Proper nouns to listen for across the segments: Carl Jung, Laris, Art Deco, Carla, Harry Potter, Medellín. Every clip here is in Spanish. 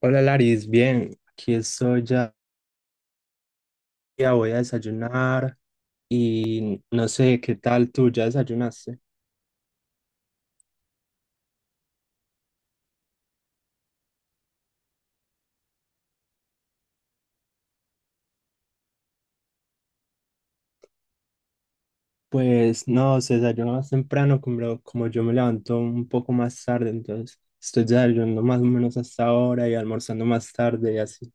Hola Laris, bien, aquí estoy ya, ya voy a desayunar y no sé qué tal tú, ¿ya desayunaste? Pues no, se desayuna más temprano, como yo me levanto un poco más tarde, entonces estoy desayunando más o menos hasta ahora y almorzando más tarde y así.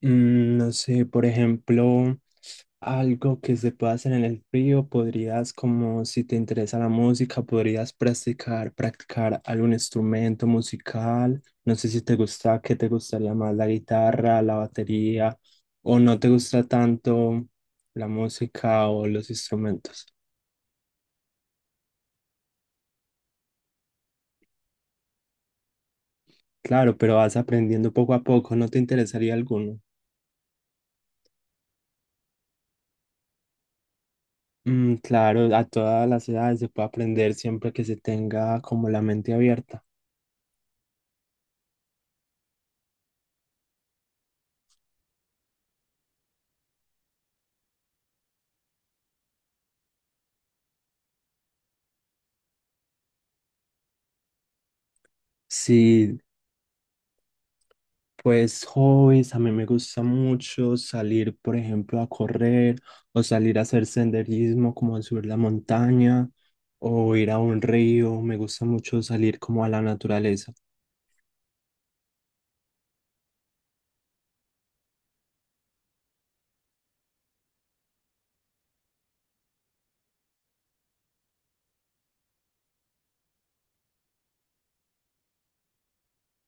No sé, por ejemplo, algo que se pueda hacer en el frío, podrías, como si te interesa la música, podrías practicar algún instrumento musical. No sé si te gusta, qué te gustaría más, la guitarra, la batería, o no te gusta tanto la música o los instrumentos. Claro, pero vas aprendiendo poco a poco, ¿no te interesaría alguno? Mm, claro, a todas las edades se puede aprender siempre que se tenga como la mente abierta. Sí, pues hobbies, a mí me gusta mucho salir, por ejemplo, a correr o salir a hacer senderismo, como a subir la montaña o ir a un río. Me gusta mucho salir como a la naturaleza.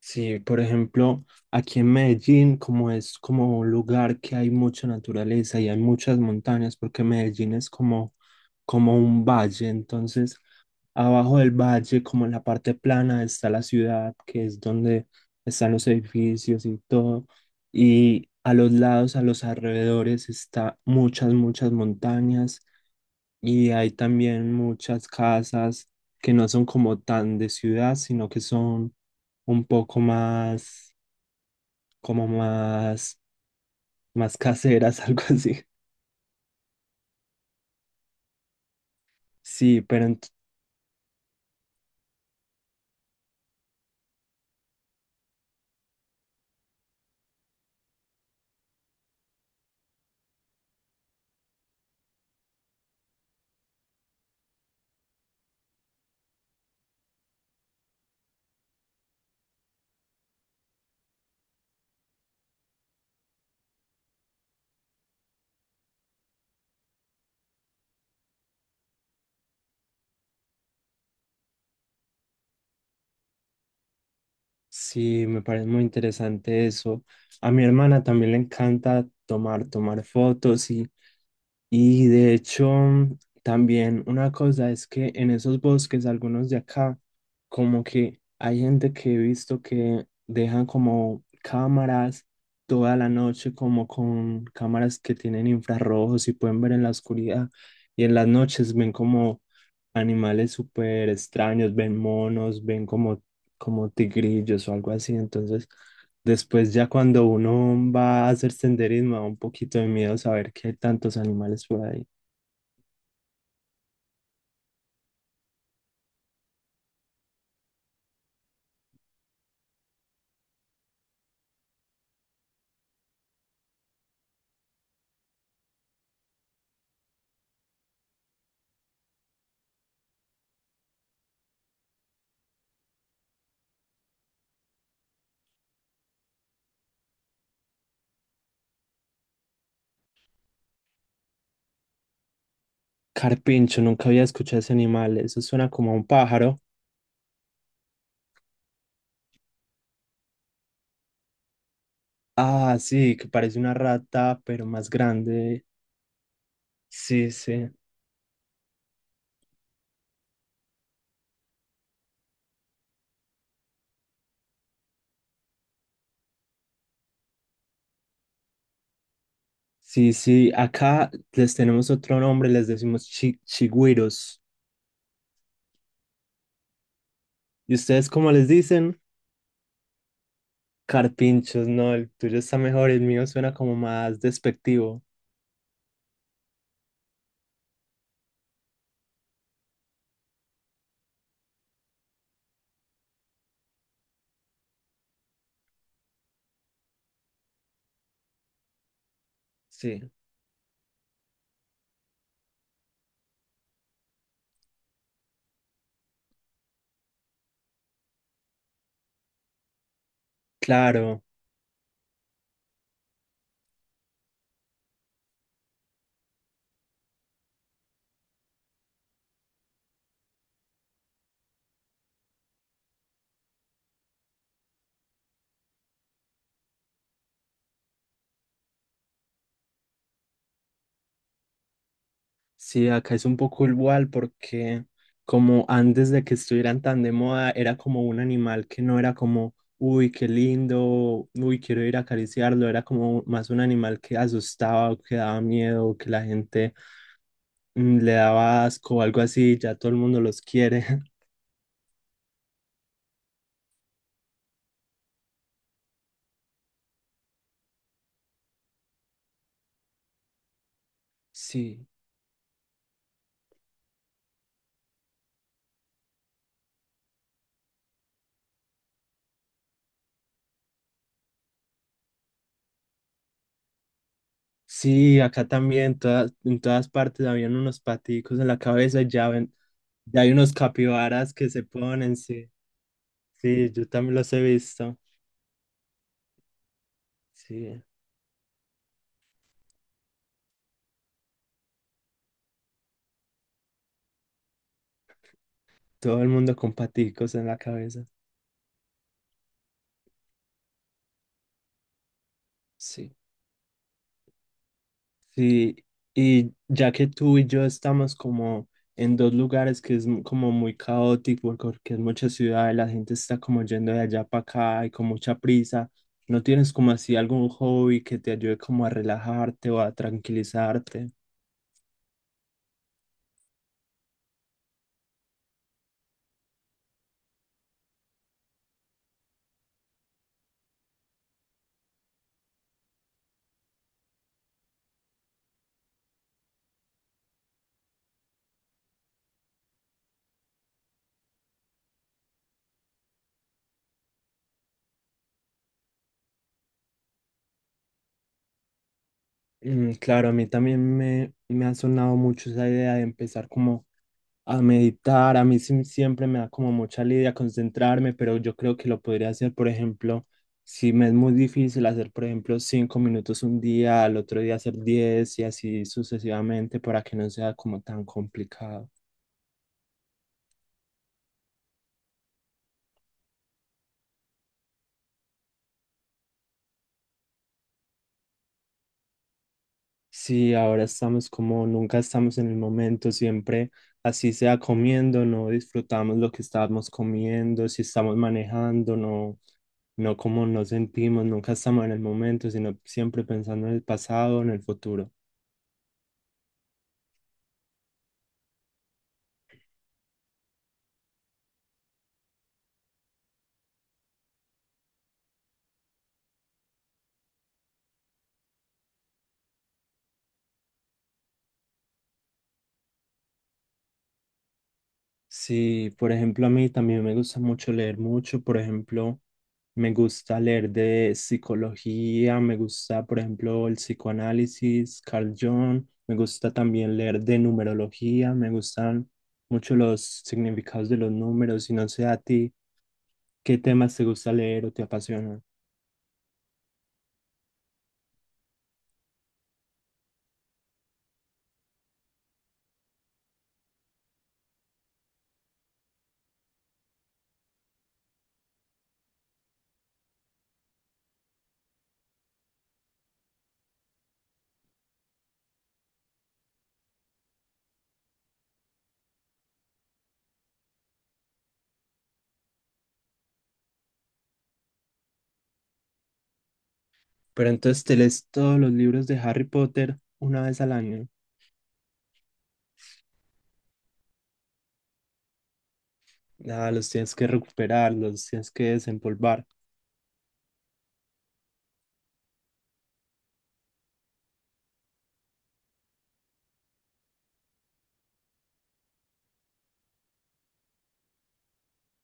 Sí, por ejemplo, aquí en Medellín, como es como un lugar que hay mucha naturaleza y hay muchas montañas, porque Medellín es como, como un valle, entonces abajo del valle, como en la parte plana, está la ciudad, que es donde están los edificios y todo, y a los lados, a los alrededores, está muchas, muchas montañas y hay también muchas casas que no son como tan de ciudad, sino que son un poco más, como más, más caseras, algo así. Sí, pero ent- sí, me parece muy interesante eso. A mi hermana también le encanta tomar fotos. Y de hecho, también una cosa es que en esos bosques, algunos de acá, como que hay gente que he visto que dejan como cámaras toda la noche, como con cámaras que tienen infrarrojos y pueden ver en la oscuridad. Y en las noches ven como animales súper extraños, ven monos, ven como, como tigrillos o algo así. Entonces, después ya cuando uno va a hacer senderismo, da un poquito de miedo saber que hay tantos animales por ahí. Carpincho, nunca había escuchado ese animal. Eso suena como a un pájaro. Ah, sí, que parece una rata, pero más grande. Sí, sí. Sí, sí. Acá les tenemos otro nombre, les decimos chigüiros. ¿Y ustedes cómo les dicen? Carpinchos, no, el tuyo está mejor, el mío suena como más despectivo. Sí, claro. Sí, acá es un poco igual porque como antes de que estuvieran tan de moda, era como un animal que no era como, uy, qué lindo, uy, quiero ir a acariciarlo, era como más un animal que asustaba o que daba miedo, o que la gente le daba asco o algo así, ya todo el mundo los quiere. Sí, sí, acá también, todas, en todas partes habían unos paticos en la cabeza, ya ven, ya hay unos capibaras que se ponen, sí, sí, yo también los he visto, sí. Todo el mundo con paticos en la cabeza. Sí. Sí, y ya que tú y yo estamos como en dos lugares que es como muy caótico, porque es mucha ciudad y la gente está como yendo de allá para acá y con mucha prisa, ¿no tienes como así algún hobby que te ayude como a relajarte o a tranquilizarte? Mm, claro, a mí también me ha sonado mucho esa idea de empezar como a meditar. A mí siempre me da como mucha lidia concentrarme, pero yo creo que lo podría hacer, por ejemplo, si me es muy difícil hacer, por ejemplo, 5 minutos un día, al otro día hacer 10 y así sucesivamente para que no sea como tan complicado. Sí, ahora estamos como nunca estamos en el momento, siempre así sea comiendo, no disfrutamos lo que estamos comiendo, si estamos manejando, no, no como nos sentimos, nunca estamos en el momento, sino siempre pensando en el pasado, en el futuro. Sí, por ejemplo, a mí también me gusta mucho leer mucho. Por ejemplo, me gusta leer de psicología, me gusta, por ejemplo, el psicoanálisis, Carl Jung, me gusta también leer de numerología, me gustan mucho los significados de los números y no sé a ti qué temas te gusta leer o te apasionan. ¿Pero entonces te lees todos los libros de Harry Potter una vez al año? Nada, los tienes que recuperar, los tienes que desempolvar.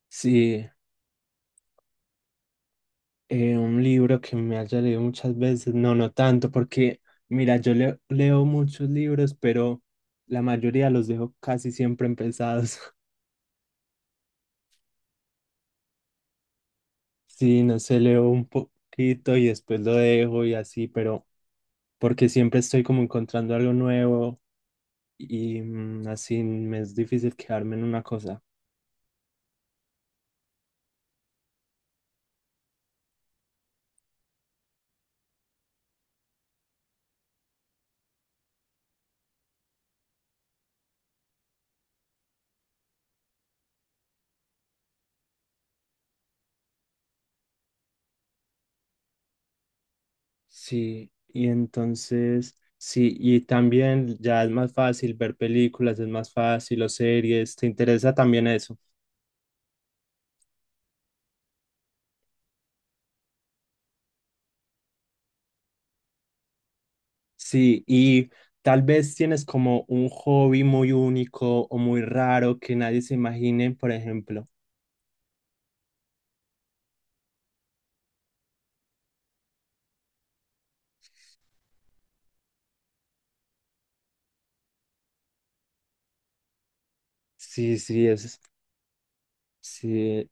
Sí. Un libro que me haya leído muchas veces, no, no tanto, porque mira, yo leo muchos libros, pero la mayoría los dejo casi siempre empezados. Sí, no sé, leo un poquito y después lo dejo y así, pero porque siempre estoy como encontrando algo nuevo y así me es difícil quedarme en una cosa. Sí, y entonces, sí, y también ya es más fácil ver películas, es más fácil o series, ¿te interesa también eso? Sí, y tal vez tienes como un hobby muy único o muy raro que nadie se imagine, por ejemplo. Sí, sí, es, sí,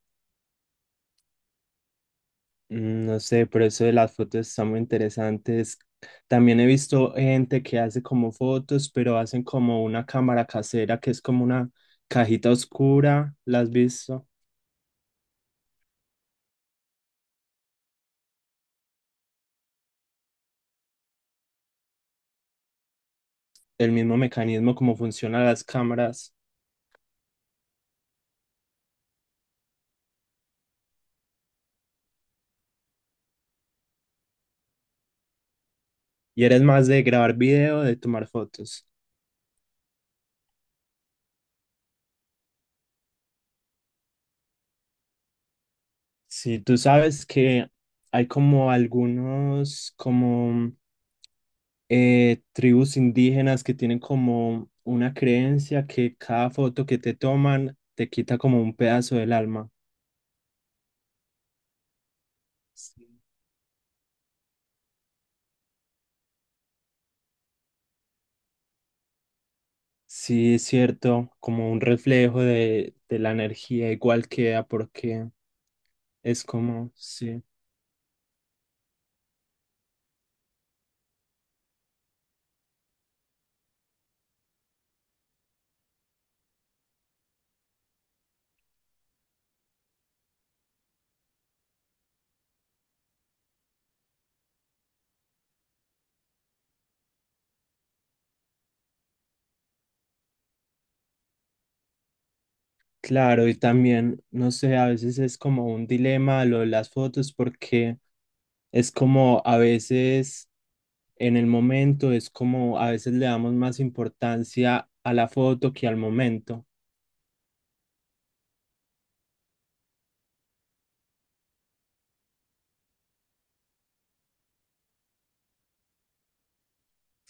no sé, pero eso de las fotos está muy interesantes. También he visto gente que hace como fotos, pero hacen como una cámara casera que es como una cajita oscura, ¿la has visto? El mismo mecanismo como funcionan las cámaras. ¿Y eres más de grabar video o de tomar fotos? Sí, tú sabes que hay como algunos como tribus indígenas que tienen como una creencia que cada foto que te toman te quita como un pedazo del alma. Sí, sí, es cierto, como un reflejo de la energía igual queda porque es como, sí, claro, y también, no sé, a veces es como un dilema lo de las fotos porque es como a veces en el momento, es como a veces le damos más importancia a la foto que al momento.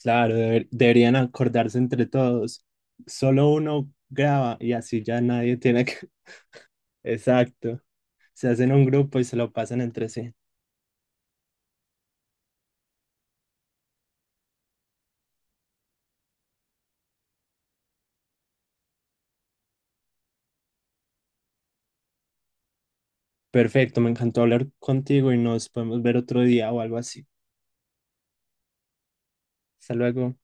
Claro, deberían acordarse entre todos. Solo uno graba y así ya nadie tiene que... Exacto. Se hacen un grupo y se lo pasan entre sí. Perfecto, me encantó hablar contigo y nos podemos ver otro día o algo así. Hasta luego.